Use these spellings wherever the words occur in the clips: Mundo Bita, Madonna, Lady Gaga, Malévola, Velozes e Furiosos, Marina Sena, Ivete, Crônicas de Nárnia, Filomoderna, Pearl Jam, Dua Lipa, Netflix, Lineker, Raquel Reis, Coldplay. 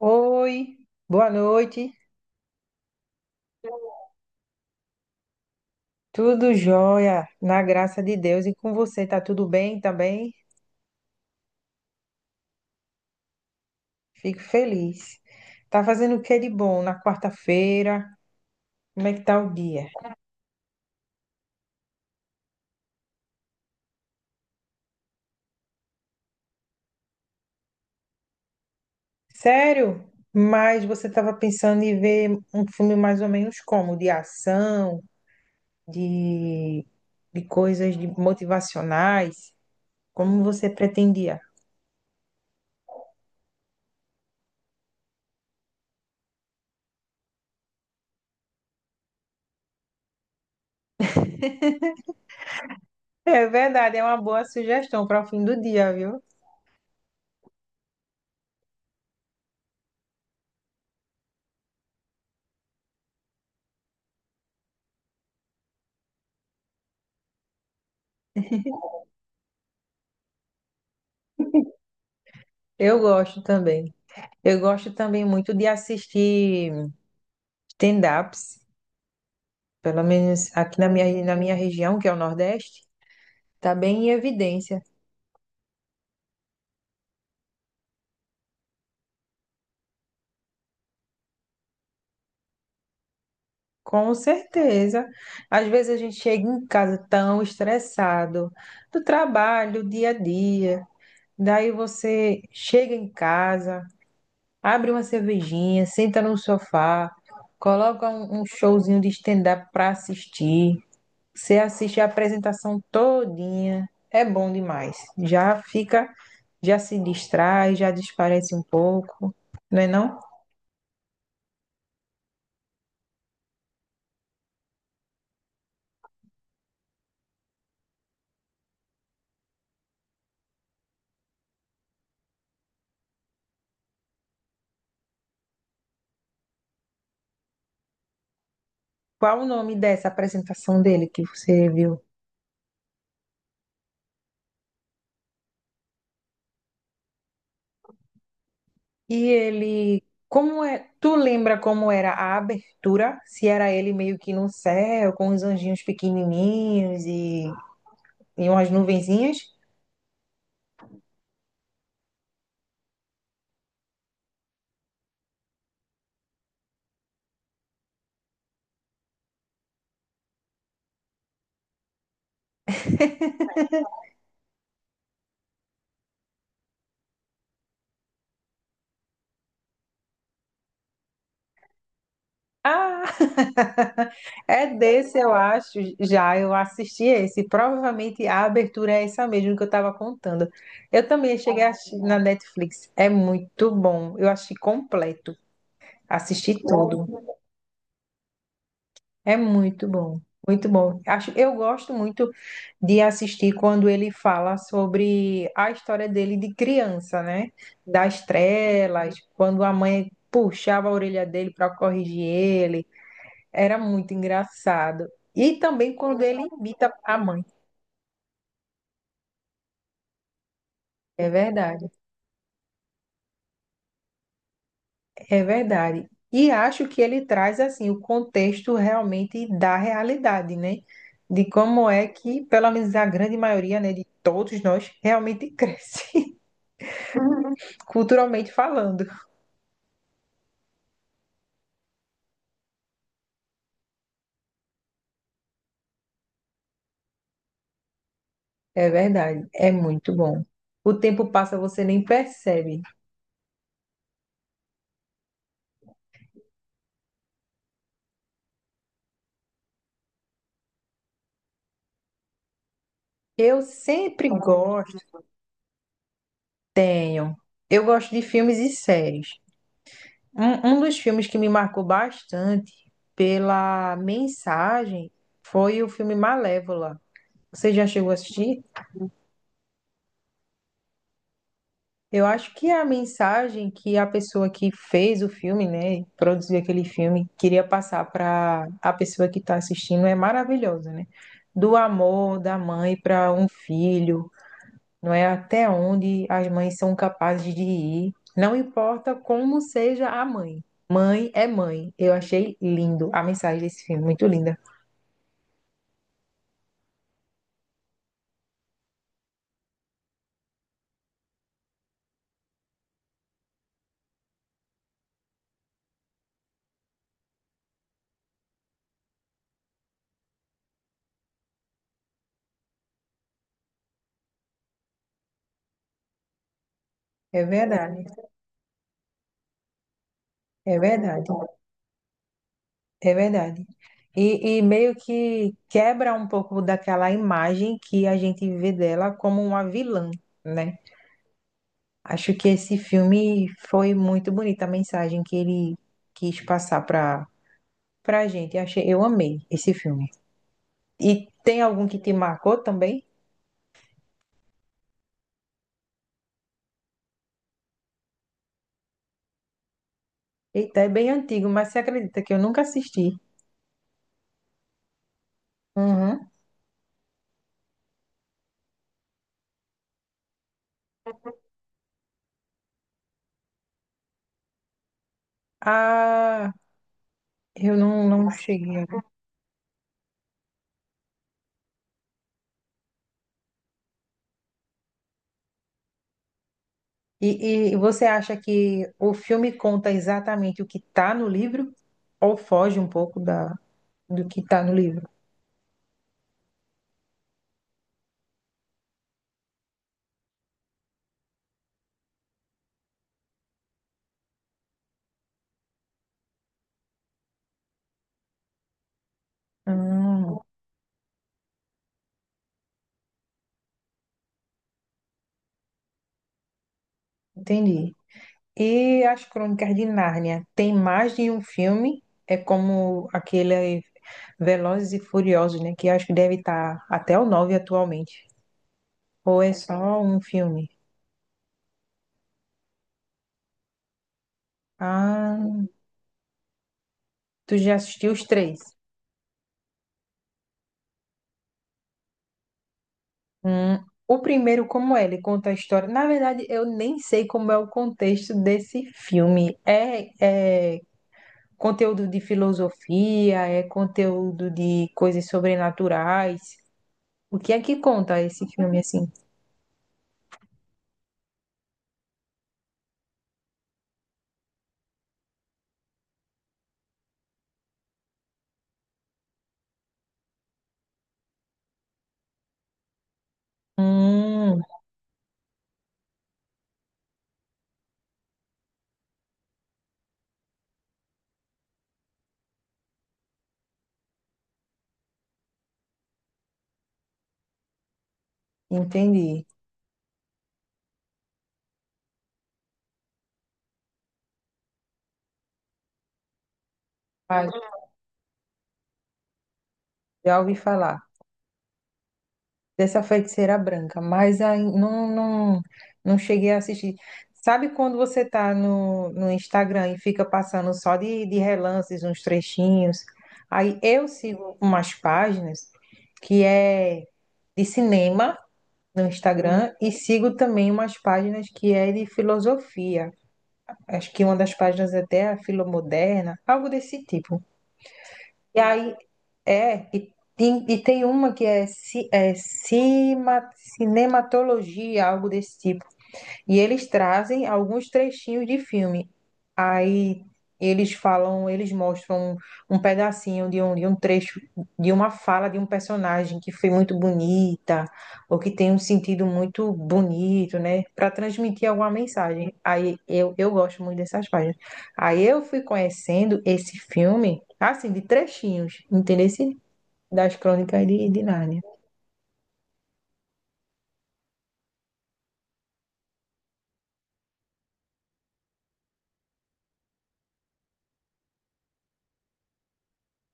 Oi, boa noite. Tudo jóia, na graça de Deus. E com você, tá tudo bem também? Fico feliz. Tá fazendo o que de bom na quarta-feira? Como é que tá o dia? Sério? Mas você estava pensando em ver um filme mais ou menos como? De ação, de, de coisas de motivacionais? Como você pretendia? É verdade, é uma boa sugestão para o fim do dia, viu? Eu gosto também. Eu gosto também muito de assistir stand-ups, pelo menos aqui na minha região, que é o Nordeste, está bem em evidência. Com certeza. Às vezes a gente chega em casa tão estressado do trabalho, do dia a dia. Daí você chega em casa, abre uma cervejinha, senta no sofá, coloca um showzinho de stand-up para assistir. Você assiste a apresentação todinha, é bom demais. Já fica, já se distrai, já desparece um pouco, não é não? Qual o nome dessa apresentação dele que você viu? E ele, como é? Tu lembra como era a abertura? Se era ele meio que no céu, com os anjinhos pequenininhos e umas nuvenzinhas? Ah, é desse, eu acho, já eu assisti esse. Provavelmente a abertura é essa mesmo que eu estava contando. Eu também cheguei a assistir na Netflix. É muito bom. Eu achei completo. Assisti tudo. É muito bom. Muito bom. Acho, eu gosto muito de assistir quando ele fala sobre a história dele de criança, né? Das trelas, quando a mãe puxava a orelha dele para corrigir ele, era muito engraçado. E também quando ele imita a mãe. É verdade, é verdade. E acho que ele traz assim o contexto realmente da realidade, né? De como é que, pelo menos a grande maioria, né, de todos nós realmente cresce, culturalmente falando. É verdade, é muito bom. O tempo passa, você nem percebe. Eu sempre gosto, tenho. Eu gosto de filmes e séries. Um dos filmes que me marcou bastante pela mensagem foi o filme Malévola. Você já chegou a assistir? Eu acho que a mensagem que a pessoa que fez o filme, né, produziu aquele filme, queria passar para a pessoa que está assistindo é maravilhosa, né? Do amor da mãe para um filho, não é até onde as mães são capazes de ir, não importa como seja a mãe. Mãe é mãe. Eu achei lindo a mensagem desse filme, muito linda. É verdade, é verdade, é verdade. E meio que quebra um pouco daquela imagem que a gente vê dela como uma vilã, né? Acho que esse filme foi muito bonita a mensagem que ele quis passar para gente. Achei, eu amei esse filme. E tem algum que te marcou também? Eita, é bem antigo, mas você acredita que eu nunca assisti? Uhum. Ah, eu não cheguei a ver. E você acha que o filme conta exatamente o que está no livro ou foge um pouco da, do que está no livro? Hum, entendi. E as Crônicas de Nárnia, tem mais de um filme? É como aquele Velozes e Furiosos, né? Que acho que deve estar até o nove atualmente. Ou é só um filme? Ah, tu já assistiu os três? Hum, o primeiro, como é? Ele conta a história. Na verdade, eu nem sei como é o contexto desse filme. É conteúdo de filosofia, é conteúdo de coisas sobrenaturais. O que é que conta esse filme assim? Hum, entendi. Ah, já ouvi falar dessa feiticeira branca, mas aí não, não cheguei a assistir. Sabe quando você tá no Instagram e fica passando só de relances, uns trechinhos? Aí eu sigo umas páginas que é de cinema no Instagram e sigo também umas páginas que é de filosofia. Acho que uma das páginas é até Filomoderna, algo desse tipo. E aí é, e, tem uma que é, cinematologia, algo desse tipo. E eles trazem alguns trechinhos de filme. Aí eles falam, eles mostram um pedacinho de um trecho, de uma fala de um personagem que foi muito bonita, ou que tem um sentido muito bonito, né? Para transmitir alguma mensagem. Aí eu gosto muito dessas páginas. Aí eu fui conhecendo esse filme, assim, de trechinhos, entendeu? Das Crônicas de Nárnia.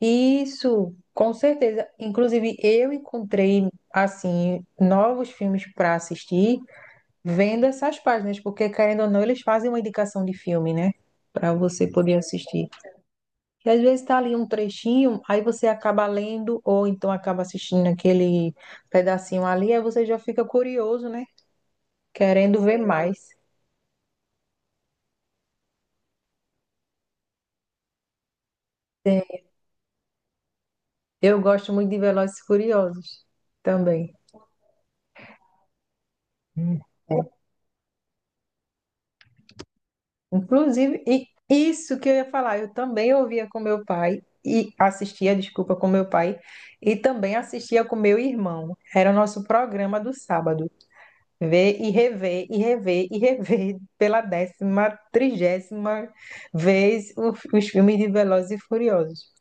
Isso, com certeza. Inclusive, eu encontrei, assim, novos filmes para assistir vendo essas páginas, porque, querendo ou não, eles fazem uma indicação de filme, né? Para você poder assistir. E às vezes tá ali um trechinho, aí você acaba lendo, ou então acaba assistindo aquele pedacinho ali, aí você já fica curioso, né? Querendo ver mais. Eu gosto muito de Velozes e Furiosos também. Inclusive, e isso que eu ia falar, eu também ouvia com meu pai e assistia, desculpa, com meu pai e também assistia com meu irmão. Era o nosso programa do sábado. Ver e rever, e rever, e rever pela décima, trigésima vez os filmes de Velozes e Furiosos.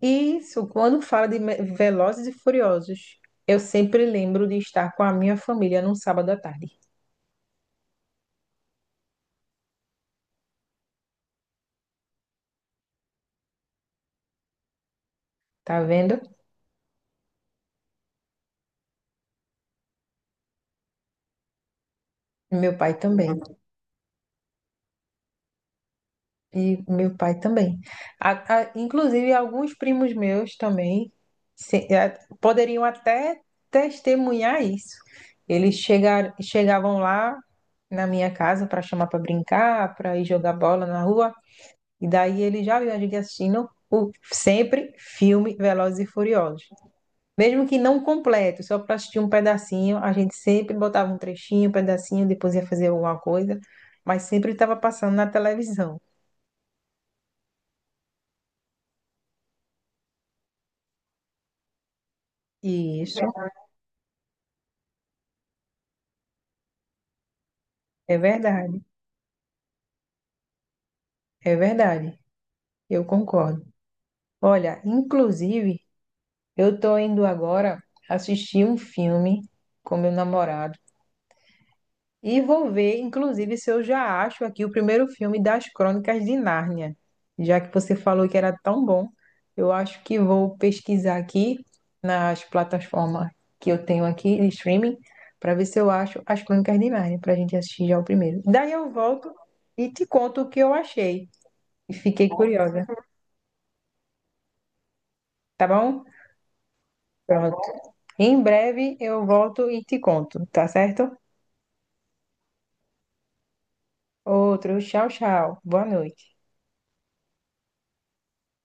E isso, quando fala Velozes e Furiosos, eu sempre lembro de estar com a minha família num sábado à tarde. Tá vendo? Meu pai também. E meu pai também. Inclusive, alguns primos meus também poderiam até testemunhar isso. Chegavam lá na minha casa para chamar para brincar, para ir jogar bola na rua, e daí eles já viam a gente assistindo sempre filme Velozes e Furiosos. Mesmo que não completo, só para assistir um pedacinho, a gente sempre botava um trechinho, um pedacinho, depois ia fazer alguma coisa, mas sempre estava passando na televisão. E isso. É verdade, é verdade. Eu concordo. Olha, inclusive, eu tô indo agora assistir um filme com meu namorado e vou ver, inclusive, se eu já acho aqui o primeiro filme das Crônicas de Nárnia. Já que você falou que era tão bom, eu acho que vou pesquisar aqui nas plataformas que eu tenho aqui de streaming para ver se eu acho as Crônicas de Nárnia para a gente assistir já o primeiro. Daí eu volto e te conto o que eu achei. E fiquei curiosa. Tá bom? Pronto. Em breve eu volto e te conto, tá certo? Outro, tchau, tchau. Boa noite.